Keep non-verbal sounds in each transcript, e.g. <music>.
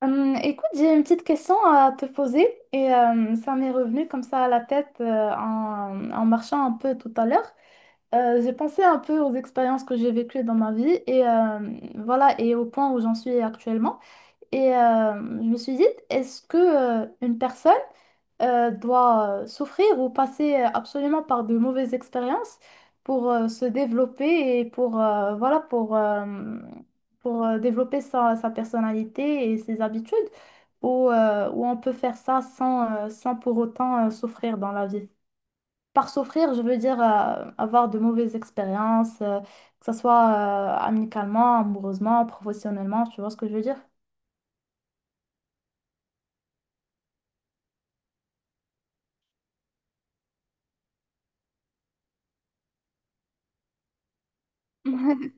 Écoute, j'ai une petite question à te poser et ça m'est revenu comme ça à la tête en marchant un peu tout à l'heure. J'ai pensé un peu aux expériences que j'ai vécues dans ma vie et voilà, et au point où j'en suis actuellement. Et euh, je me suis dit, est-ce que une personne doit souffrir ou passer absolument par de mauvaises expériences pour se développer et pour voilà pour développer sa personnalité et ses habitudes ou on peut faire ça sans sans pour autant souffrir dans la vie. Par souffrir, je veux dire avoir de mauvaises expériences, que ce soit amicalement, amoureusement, professionnellement, tu vois ce que je veux dire? <laughs>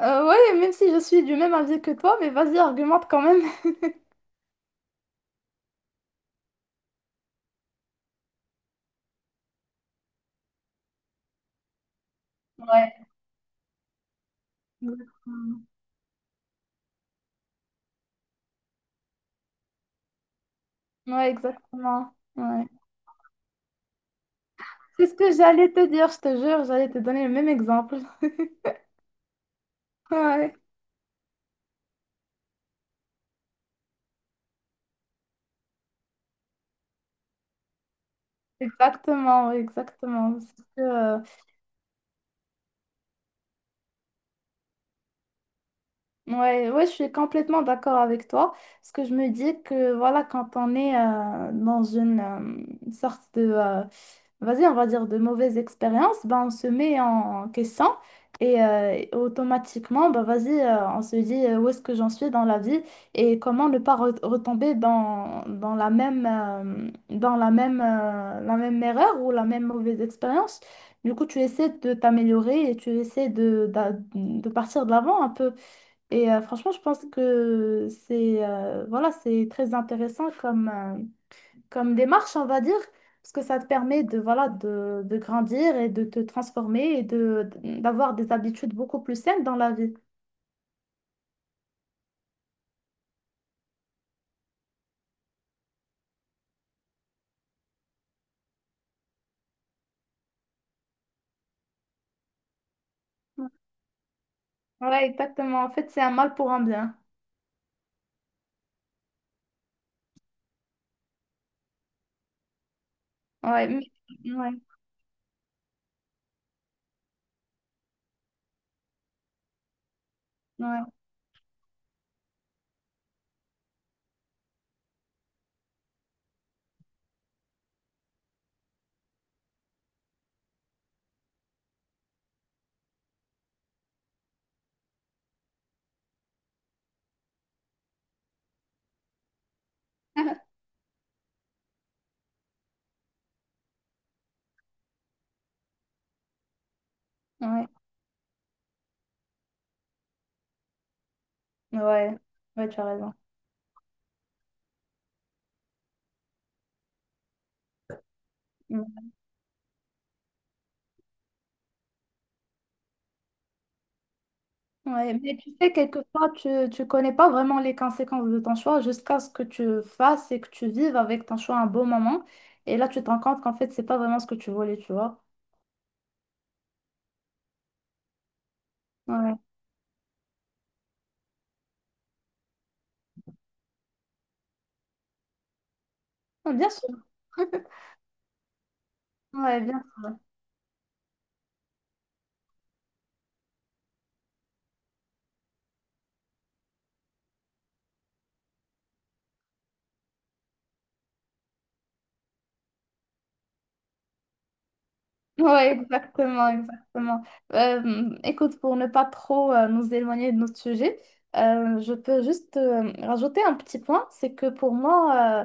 Ouais, même si je suis du même avis que toi, mais vas-y, argumente quand même. Ouais, exactement. Ouais, exactement. Ouais. C'est ce que j'allais te dire, je te jure, j'allais te donner le même exemple. <laughs> Ouais, exactement, ouais, exactement. Ouais, ouais, je suis complètement d'accord avec toi, parce que je me dis que voilà, quand on est dans une sorte de, vas-y, on va dire de mauvaise expérience, ben, on se met en question et automatiquement, ben, vas-y, on se dit où est-ce que j'en suis dans la vie et comment ne pas retomber dans la même, dans la même erreur ou la même mauvaise expérience. Du coup, tu essaies de t'améliorer et tu essaies de, de partir de l'avant un peu. Et franchement, je pense que c'est voilà, c'est très intéressant comme, comme démarche, on va dire, parce que ça te permet de, voilà, de grandir et de te transformer et de, d'avoir des habitudes beaucoup plus saines dans la vie. Ouais, exactement. En fait, c'est un mal pour un bien. Ouais, mais, ouais, ouais, <laughs> ouais, ouais, ouais, tu as raison. Ouais, mais tu sais, quelquefois, tu ne connais pas vraiment les conséquences de ton choix jusqu'à ce que tu fasses et que tu vives avec ton choix un beau moment. Et là, tu te rends compte qu'en fait, c'est pas vraiment ce que tu voulais, tu vois. Ouais, ouais, bien sûr. <laughs> Ouais, bien sûr. Ouais, exactement, exactement. Écoute, pour ne pas trop nous éloigner de notre sujet, je peux juste rajouter un petit point, c'est que pour moi,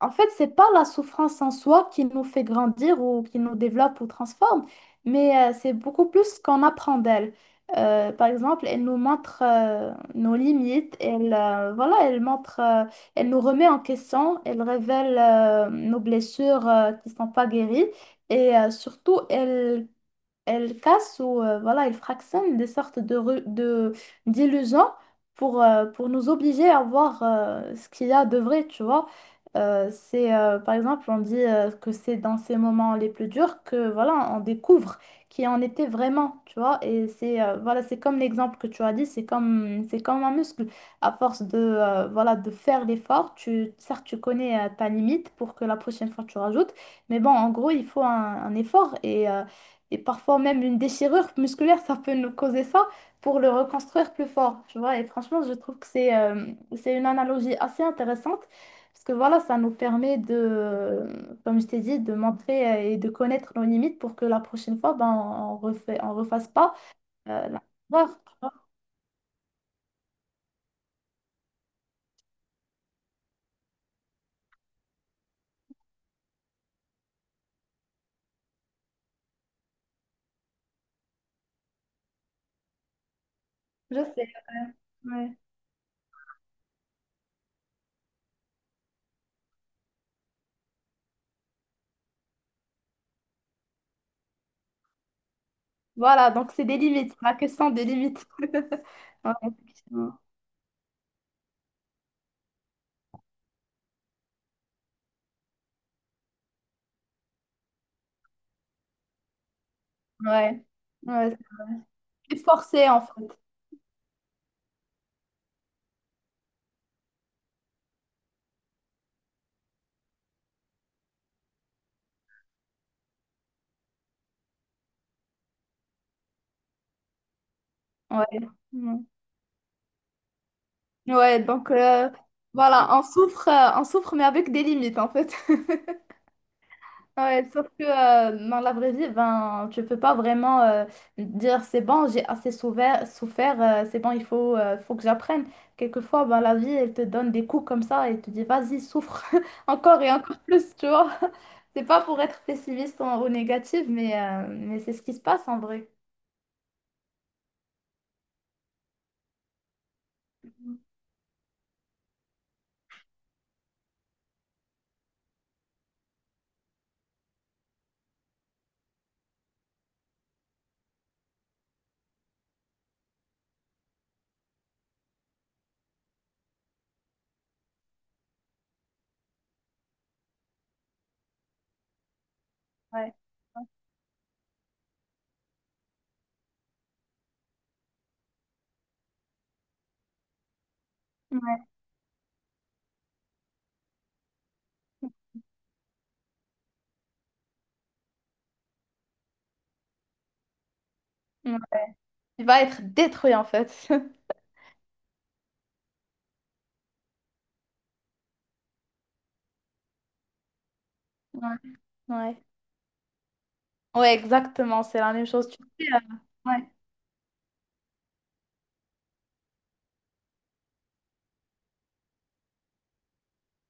en fait, c'est pas la souffrance en soi qui nous fait grandir ou qui nous développe ou transforme, mais c'est beaucoup plus ce qu'on apprend d'elle. Par exemple, elle nous montre nos limites, elle, voilà, elle montre, elle nous remet en question, elle révèle nos blessures qui sont pas guéries. Et surtout, elle casse ou voilà, elle fractionne des sortes de, de d'illusions pour nous obliger à voir ce qu'il y a de vrai, tu vois. C'est par exemple, on dit que c'est dans ces moments les plus durs que voilà, on découvre qui en était vraiment, tu vois. Et c'est voilà, c'est comme l'exemple que tu as dit, c'est comme un muscle. À force de voilà, de faire l'effort, tu certes tu connais ta limite pour que la prochaine fois tu rajoutes, mais bon, en gros, il faut un effort et parfois même une déchirure musculaire, ça peut nous causer ça pour le reconstruire plus fort, tu vois. Et franchement, je trouve que c'est une analogie assez intéressante parce que voilà, ça nous permet de, comme je t'ai dit, de montrer et de connaître nos limites pour que la prochaine fois, ben, on refait, on refasse pas la erreur, tu vois. Je sais. Ouais. Voilà, donc c'est des limites, la question des limites. <laughs> Ouais, effectivement. Ouais. Ouais, c'est forcé en fait. Ouais. Ouais, donc voilà, on souffre, mais avec des limites en fait. <laughs> Ouais, sauf que dans la vraie vie, ben, tu peux pas vraiment dire c'est bon, j'ai assez souffert, c'est bon, il faut, faut que j'apprenne. Quelquefois, ben, la vie, elle te donne des coups comme ça et te dit vas-y, souffre <laughs> encore et encore plus, tu vois. <laughs> C'est pas pour être pessimiste ou négative, mais c'est ce qui se passe en vrai. Ouais. Ouais. Ouais. Tu vas être détruit en fait. <laughs> Ouais. Ouais. Ouais, exactement, c'est la même chose. Tu sais, ouais.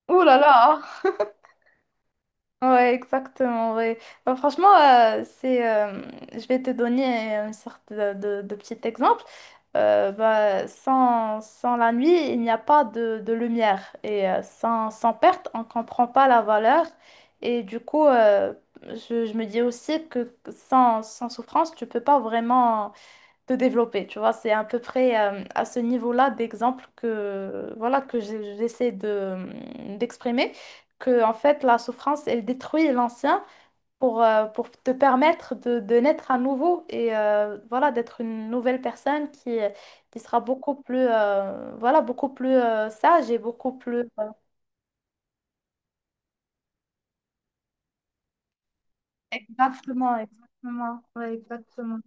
Ouh là là! Ouais, exactement, ouais. Bah, franchement, c'est, je vais te donner une sorte de, de petit exemple. Bah, sans, sans la nuit, il n'y a pas de, de lumière. Et sans, sans perte, on ne comprend pas la valeur. Et du coup, je me dis aussi que sans, sans souffrance, tu peux pas vraiment... de développer, tu vois. C'est à peu près à ce niveau-là d'exemple que, voilà, que j'essaie de, d'exprimer, que en fait la souffrance, elle détruit l'ancien pour te permettre de naître à nouveau et voilà, d'être une nouvelle personne qui sera beaucoup plus, voilà, beaucoup plus sage et beaucoup plus... Exactement, exactement, ouais, exactement.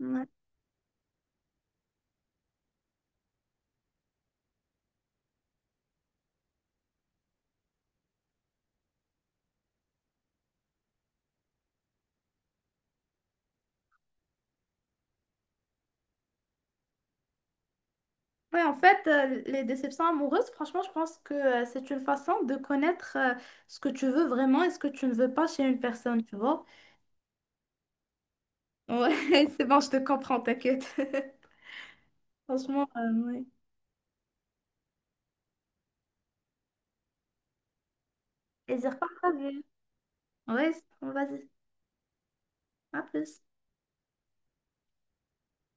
Ouais. Ouais, en fait, les déceptions amoureuses, franchement, je pense que c'est une façon de connaître ce que tu veux vraiment et ce que tu ne veux pas chez une personne, tu vois. Ouais, <laughs> c'est bon, je te comprends, t'inquiète. <laughs> Franchement, ouais. Plaisir partagé. Ouais, vas-y, à plus.